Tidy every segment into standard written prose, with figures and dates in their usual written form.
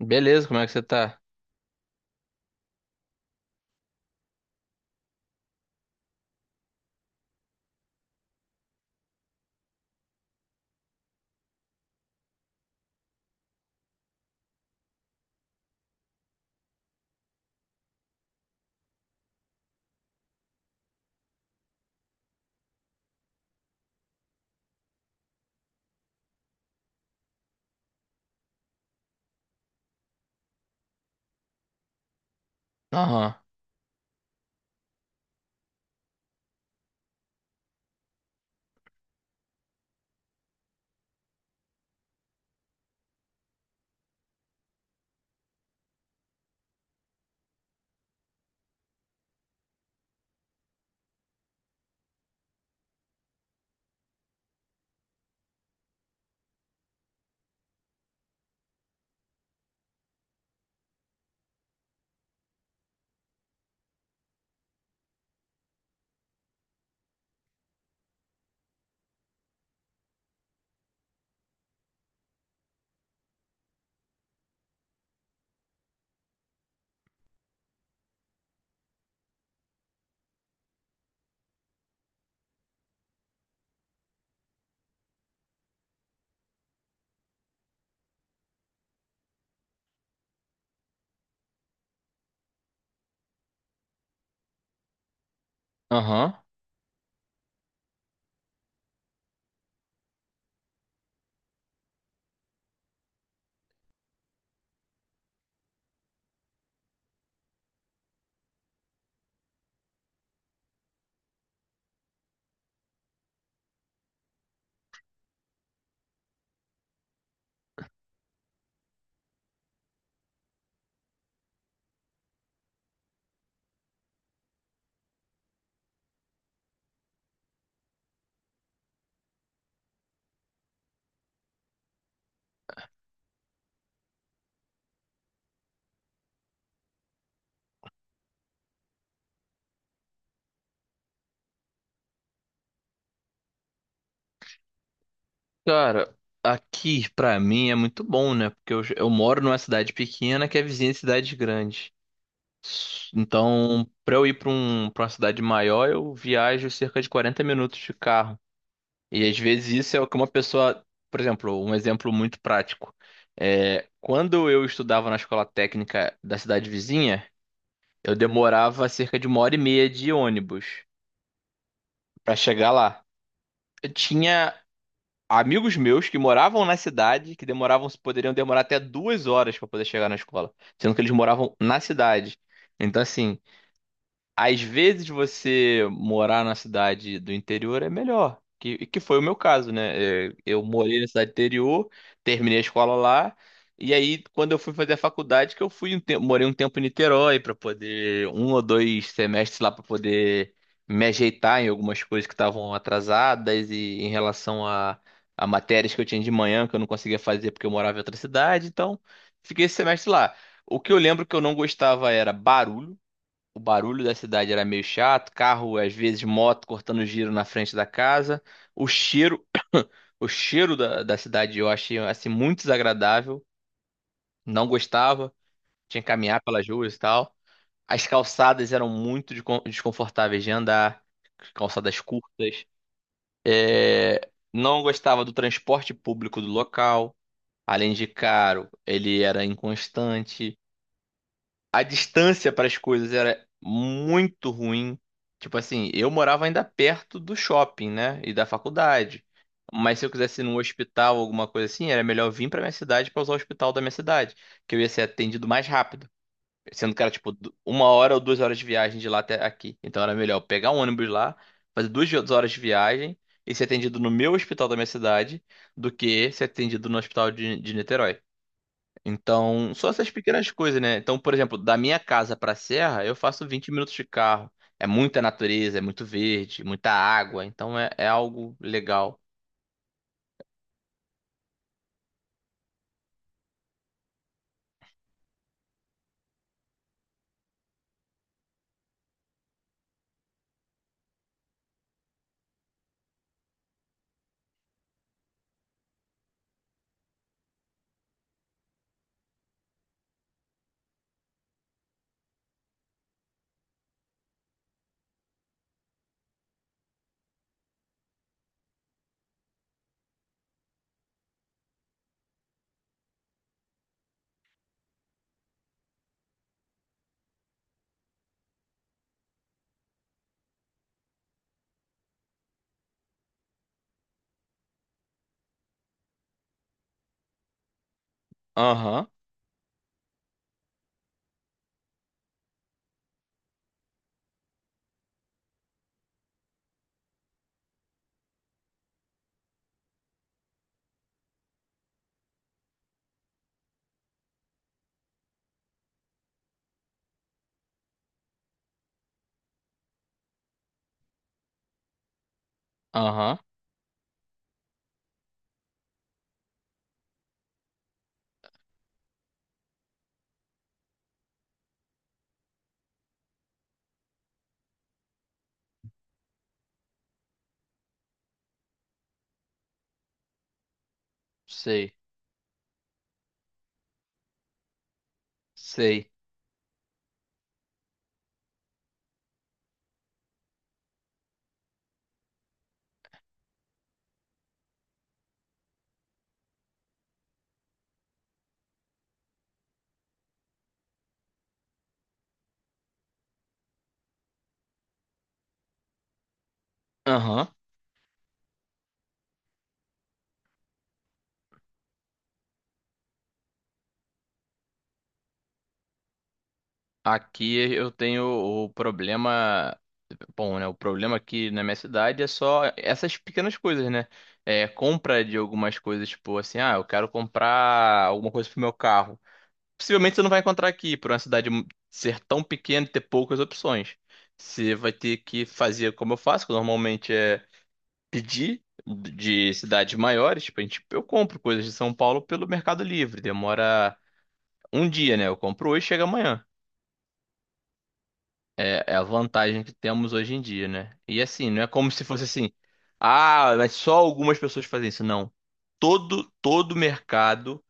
Beleza, como é que você tá? Aham, aham. Cara, aqui pra mim é muito bom, né? Porque eu moro numa cidade pequena que é vizinha de cidade grande. Então, pra eu ir pra uma cidade maior, eu viajo cerca de 40 minutos de carro. E às vezes isso é o que uma pessoa. Por exemplo, um exemplo muito prático. É, quando eu estudava na escola técnica da cidade vizinha, eu demorava cerca de 1 hora e meia de ônibus pra chegar lá. Eu tinha amigos meus que moravam na cidade, que demoravam, poderiam demorar até 2 horas para poder chegar na escola, sendo que eles moravam na cidade. Então, assim, às vezes você morar na cidade do interior é melhor, que foi o meu caso, né? É, eu morei na cidade interior, terminei a escola lá, e aí quando eu fui fazer a faculdade, que eu fui um tempo, morei um tempo em Niterói para poder um ou dois semestres lá para poder me ajeitar em algumas coisas que estavam atrasadas e em relação a matérias que eu tinha de manhã que eu não conseguia fazer porque eu morava em outra cidade, então fiquei esse semestre lá. O que eu lembro que eu não gostava era barulho. O barulho da cidade era meio chato: carro, às vezes moto cortando giro na frente da casa. O cheiro, o cheiro da cidade eu achei assim muito desagradável, não gostava, tinha que caminhar pelas ruas e tal. As calçadas eram muito desconfortáveis de andar, calçadas curtas. É, não gostava do transporte público do local, além de caro, ele era inconstante. A distância para as coisas era muito ruim. Tipo assim, eu morava ainda perto do shopping, né? E da faculdade. Mas se eu quisesse ir num hospital ou alguma coisa assim, era melhor vir para minha cidade para usar o hospital da minha cidade, que eu ia ser atendido mais rápido. Sendo que era tipo uma hora ou 2 horas de viagem de lá até aqui. Então era melhor pegar um ônibus lá, fazer 2 horas de viagem e ser atendido no meu hospital da minha cidade do que ser atendido no hospital de Niterói. Então, só essas pequenas coisas, né? Então, por exemplo, da minha casa pra serra, eu faço 20 minutos de carro. É muita natureza, é muito verde, muita água. Então, é algo legal. Aham, aham, sei, sei. Aham. Aqui eu tenho o problema. Bom, né? O problema aqui na minha cidade é só essas pequenas coisas, né? É compra de algumas coisas, tipo assim, ah, eu quero comprar alguma coisa pro meu carro. Possivelmente você não vai encontrar aqui, por uma cidade ser tão pequena e ter poucas opções. Você vai ter que fazer como eu faço, que normalmente é pedir de cidades maiores. Tipo, a gente, eu compro coisas de São Paulo pelo Mercado Livre. Demora um dia, né? Eu compro hoje e chega amanhã. É a vantagem que temos hoje em dia, né? E assim, não é como se fosse assim, ah, mas só algumas pessoas fazem isso. Não. Todo, todo mercado.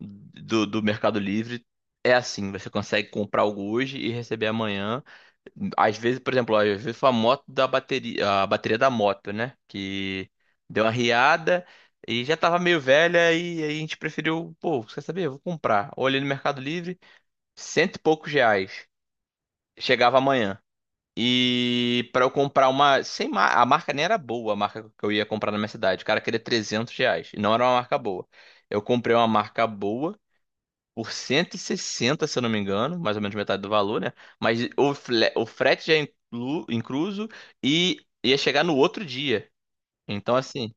do, do Mercado Livre é assim, você consegue comprar algo hoje e receber amanhã. Às vezes, por exemplo, às vezes foi a moto da bateria, a bateria da moto, né? Que deu uma riada e já tava meio velha e aí a gente preferiu, pô, quer saber? Eu vou comprar. Olhei no Mercado Livre, cento e poucos reais. Chegava amanhã. E para eu comprar uma, sem mar... a marca nem era boa, a marca que eu ia comprar na minha cidade. O cara queria R$ 300, e não era uma marca boa. Eu comprei uma marca boa por 160, se eu não me engano, mais ou menos metade do valor, né? Mas o frete já é incluso e ia chegar no outro dia. Então, assim,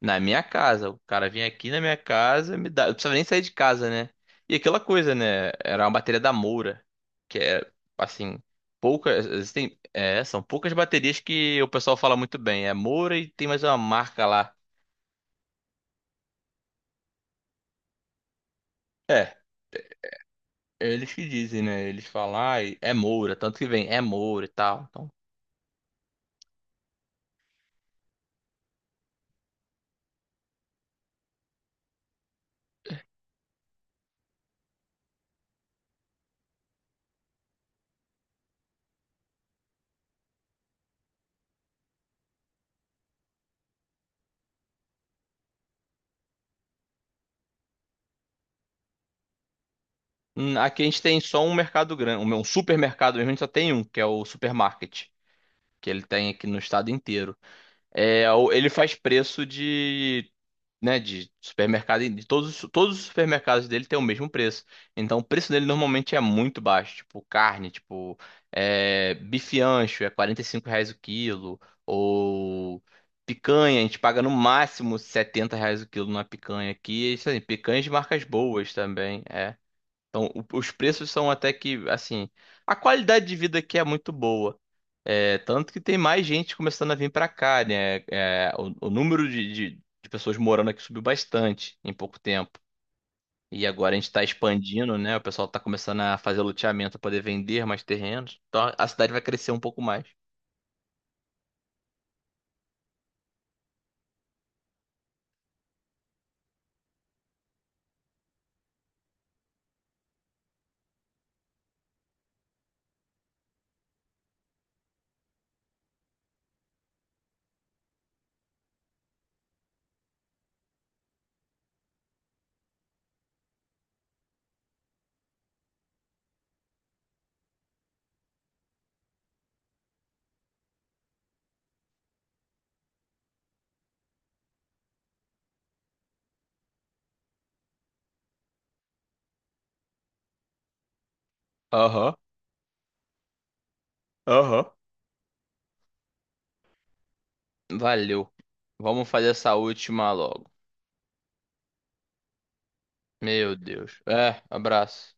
na minha casa, o cara vinha aqui na minha casa, me dá, eu não precisava nem sair de casa, né? E aquela coisa, né? Era uma bateria da Moura, que é, assim, poucas, existem, é, são poucas baterias que o pessoal fala muito bem. É Moura e tem mais uma marca lá. É, eles que dizem, né? Eles falam, ah, é Moura, tanto que vem, é Moura e tal. Então, aqui a gente tem só um mercado grande, um supermercado mesmo, a gente só tem um, que é o supermarket, que ele tem aqui no estado inteiro. É, ele faz preço de, né, de supermercado, de todos os supermercados dele tem o mesmo preço. Então o preço dele normalmente é muito baixo, tipo carne, tipo é, bife ancho é R$ 45 o quilo, ou picanha, a gente paga no máximo R$ 70 o quilo na picanha aqui. Isso aí, picanhas de marcas boas também, é. Então, os preços são até que, assim, a qualidade de vida aqui é muito boa. É, tanto que tem mais gente começando a vir pra cá, né? É, o número de pessoas morando aqui subiu bastante em pouco tempo. E agora a gente tá expandindo, né? O pessoal tá começando a fazer loteamento pra poder vender mais terrenos. Então a cidade vai crescer um pouco mais. Aham, aham. Valeu. Vamos fazer essa última logo. Meu Deus. É, abraço.